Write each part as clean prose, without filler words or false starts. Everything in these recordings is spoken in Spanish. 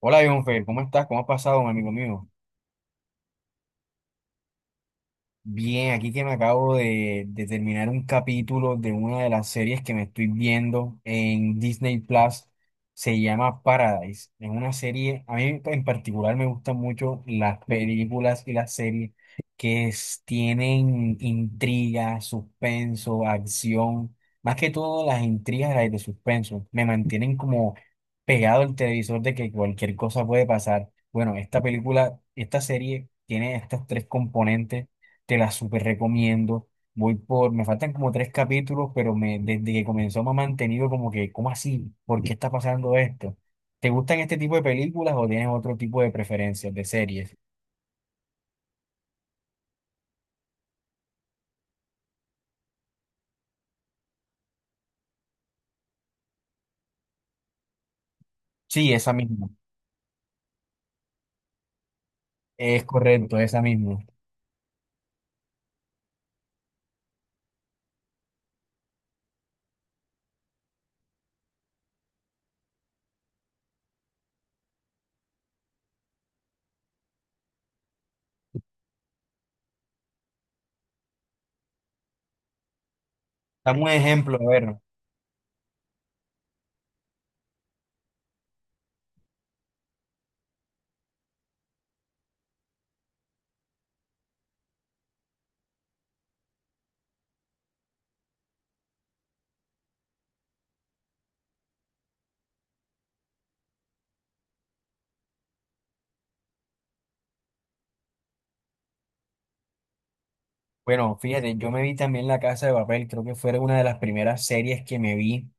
Hola, Jonfer, ¿cómo estás? ¿Cómo has pasado, mi amigo mío? Bien, aquí que me acabo de terminar un capítulo de una de las series que me estoy viendo en Disney Plus, se llama Paradise. Es una serie, a mí en particular me gustan mucho las películas y las series que tienen intriga, suspenso, acción, más que todo las intrigas las de suspenso, me mantienen como pegado al televisor de que cualquier cosa puede pasar. Bueno, esta película, esta serie tiene estos tres componentes, te la súper recomiendo. Voy por, me faltan como tres capítulos, pero me, desde que comenzó me ha mantenido como que, ¿cómo así? ¿Por qué está pasando esto? ¿Te gustan este tipo de películas o tienes otro tipo de preferencias de series? Sí, esa misma. Es correcto, esa misma. Dame un ejemplo, a ver. Bueno, fíjate, yo me vi también La Casa de Papel, creo que fue una de las primeras series que me vi.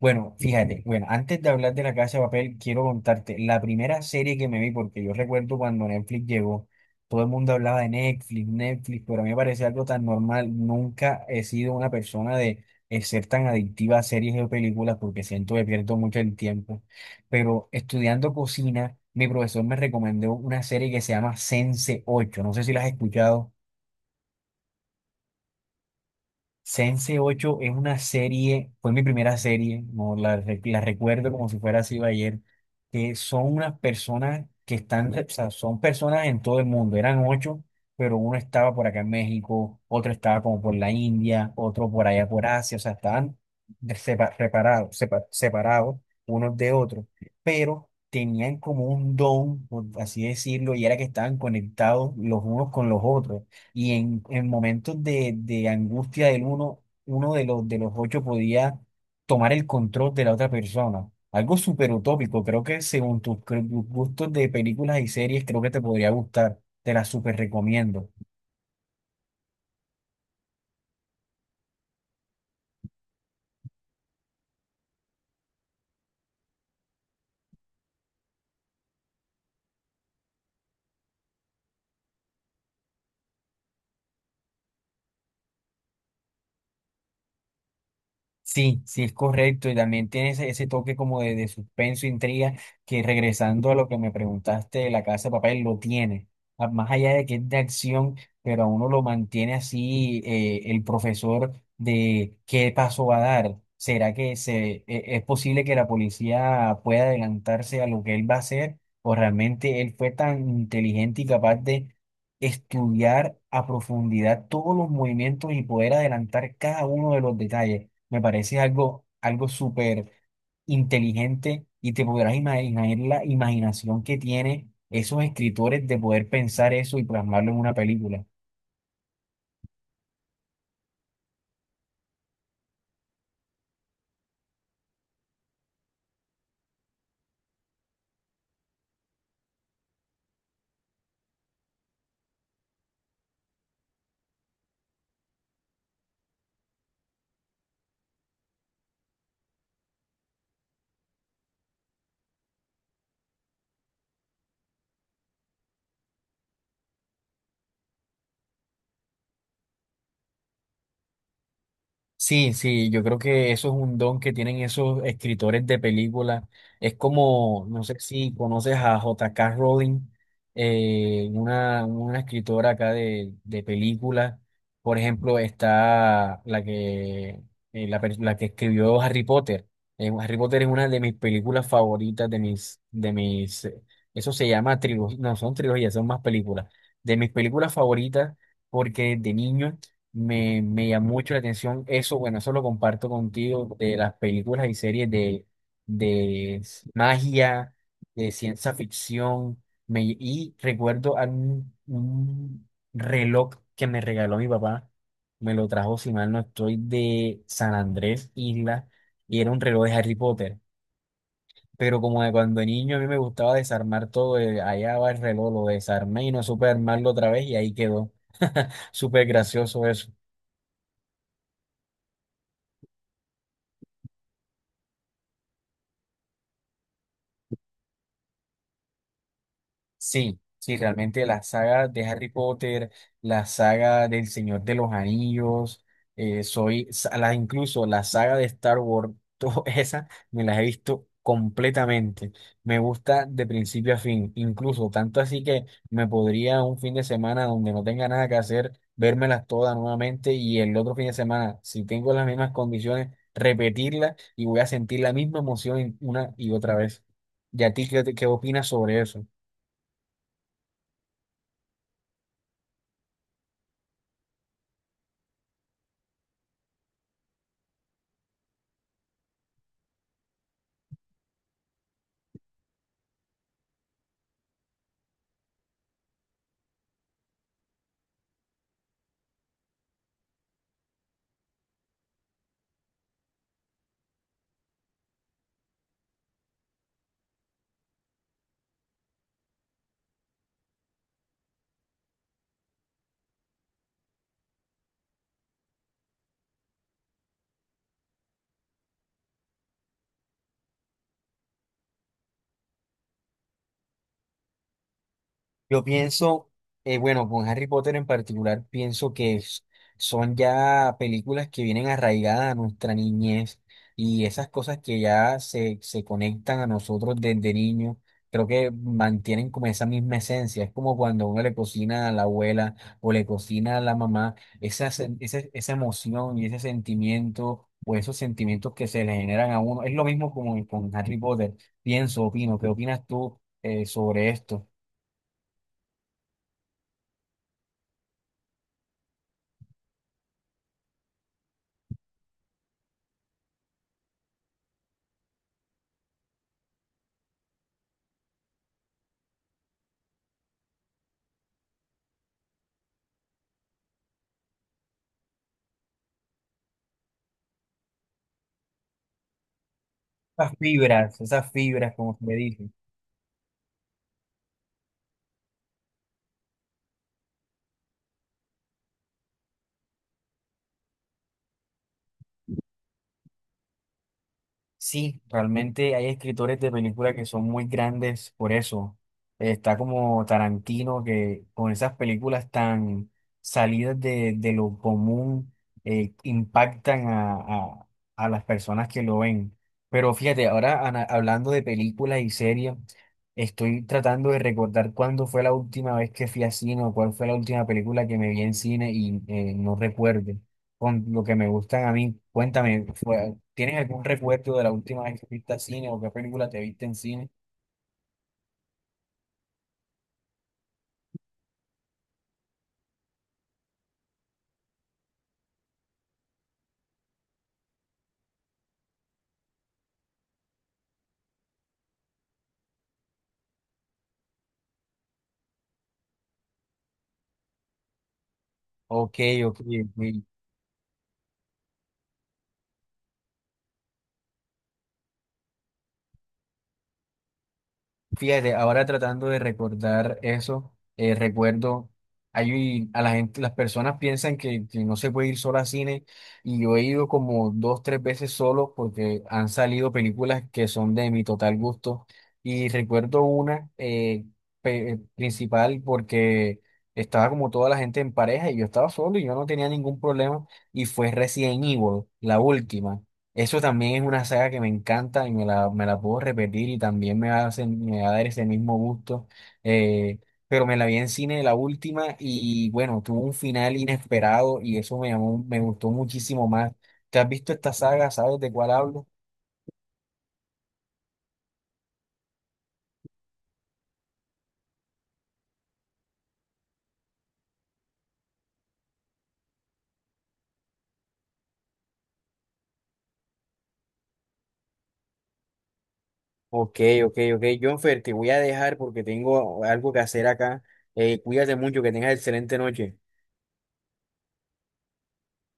Bueno, fíjate, bueno, antes de hablar de La Casa de Papel, quiero contarte la primera serie que me vi, porque yo recuerdo cuando Netflix llegó, todo el mundo hablaba de Netflix, Netflix, pero a mí me parecía algo tan normal. Nunca he sido una persona de ser tan adictiva a series o películas, porque siento que pierdo mucho el tiempo. Pero estudiando cocina, mi profesor me recomendó una serie que se llama Sense ocho, no sé si la has escuchado. Sense 8 es una serie, fue mi primera serie, no la recuerdo como si fuera así ayer, que son unas personas que están, o sea, son personas en todo el mundo, eran ocho, pero uno estaba por acá en México, otro estaba como por la India, otro por allá por Asia, o sea, estaban separados unos de otros, pero tenían como un don, por así decirlo, y era que estaban conectados los unos con los otros y en momentos de angustia del uno, uno de los ocho podía tomar el control de la otra persona. Algo súper utópico, creo que según tus gustos de películas y series, creo que te podría gustar, te las súper recomiendo. Sí, sí es correcto y también tiene ese, ese toque como de suspenso, intriga, que regresando a lo que me preguntaste de La Casa de Papel, lo tiene. Más allá de que es de acción, pero a uno lo mantiene así el profesor de qué paso va a dar. ¿Será es posible que la policía pueda adelantarse a lo que él va a hacer? ¿O realmente él fue tan inteligente y capaz estudiar a profundidad todos los movimientos y poder adelantar cada uno de los detalles? Me parece algo, algo súper inteligente y te podrás imaginar la imaginación que tienen esos escritores de poder pensar eso y plasmarlo en una película. Sí, sí, yo creo que eso es un don que tienen esos escritores de películas. Es como, no sé si conoces a J.K. Rowling, una escritora acá de películas. Por ejemplo, está la que escribió Harry Potter. Harry Potter es una de mis películas favoritas, de mis, eso se llama trilogía, no son trilogías, son más películas. De mis películas favoritas, porque de niño. Me llamó mucho la atención eso. Bueno, eso lo comparto contigo, de las películas y series de, magia, de ciencia ficción, me, y recuerdo a un reloj que me regaló mi papá, me lo trajo, si mal no estoy, de San Andrés, Isla, y era un reloj de Harry Potter, pero como de cuando niño a mí me gustaba desarmar todo, allá va el reloj, lo desarmé y no supe armarlo otra vez y ahí quedó, súper gracioso eso. Sí, sí, realmente la saga de Harry Potter, la saga del Señor de los Anillos, incluso la saga de Star Wars, todas esas me las he visto completamente. Me gusta de principio a fin, incluso tanto así que me podría un fin de semana donde no tenga nada que hacer, vérmelas todas nuevamente y el otro fin de semana, si tengo las mismas condiciones, repetirlas y voy a sentir la misma emoción una y otra vez. ¿Y a ti qué opinas sobre eso? Yo pienso, bueno, con Harry Potter en particular, pienso que son ya películas que vienen arraigadas a nuestra niñez y esas cosas que ya se conectan a nosotros desde niños, creo que mantienen como esa misma esencia. Es como cuando uno le cocina a la abuela o le cocina a la mamá, esa emoción y ese sentimiento o esos sentimientos que se le generan a uno. Es lo mismo como con Harry Potter. Pienso, opino, ¿qué opinas tú, sobre esto? Esas fibras, como me dicen. Sí, realmente hay escritores de películas que son muy grandes por eso. Está como Tarantino, que con esas películas tan salidas de lo común, impactan a las personas que lo ven. Pero fíjate, ahora hablando de películas y series, estoy tratando de recordar cuándo fue la última vez que fui a cine o cuál fue la última película que me vi en cine y no recuerdo, con lo que me gustan a mí. Cuéntame, ¿tienes algún recuerdo de la última vez que viste a cine o qué película te viste en cine? Ok, ok, ok. Fíjate, ahora tratando de recordar eso, recuerdo, hay, a la gente, las personas piensan que no se puede ir solo al cine y yo he ido como dos, tres veces solo porque han salido películas que son de mi total gusto y recuerdo una principal porque estaba como toda la gente en pareja y yo estaba solo y yo no tenía ningún problema y fue Resident Evil, la última. Eso también es una saga que me encanta y me me la puedo repetir y también me va me va a dar ese mismo gusto. Eh, pero me la vi en cine la última y bueno, tuvo un final inesperado y eso me llamó, me gustó muchísimo más. ¿Te has visto esta saga? ¿Sabes de cuál hablo? Ok, ok, ok. Jonfer, te voy a dejar porque tengo algo que hacer acá. Cuídate mucho, que tengas excelente noche.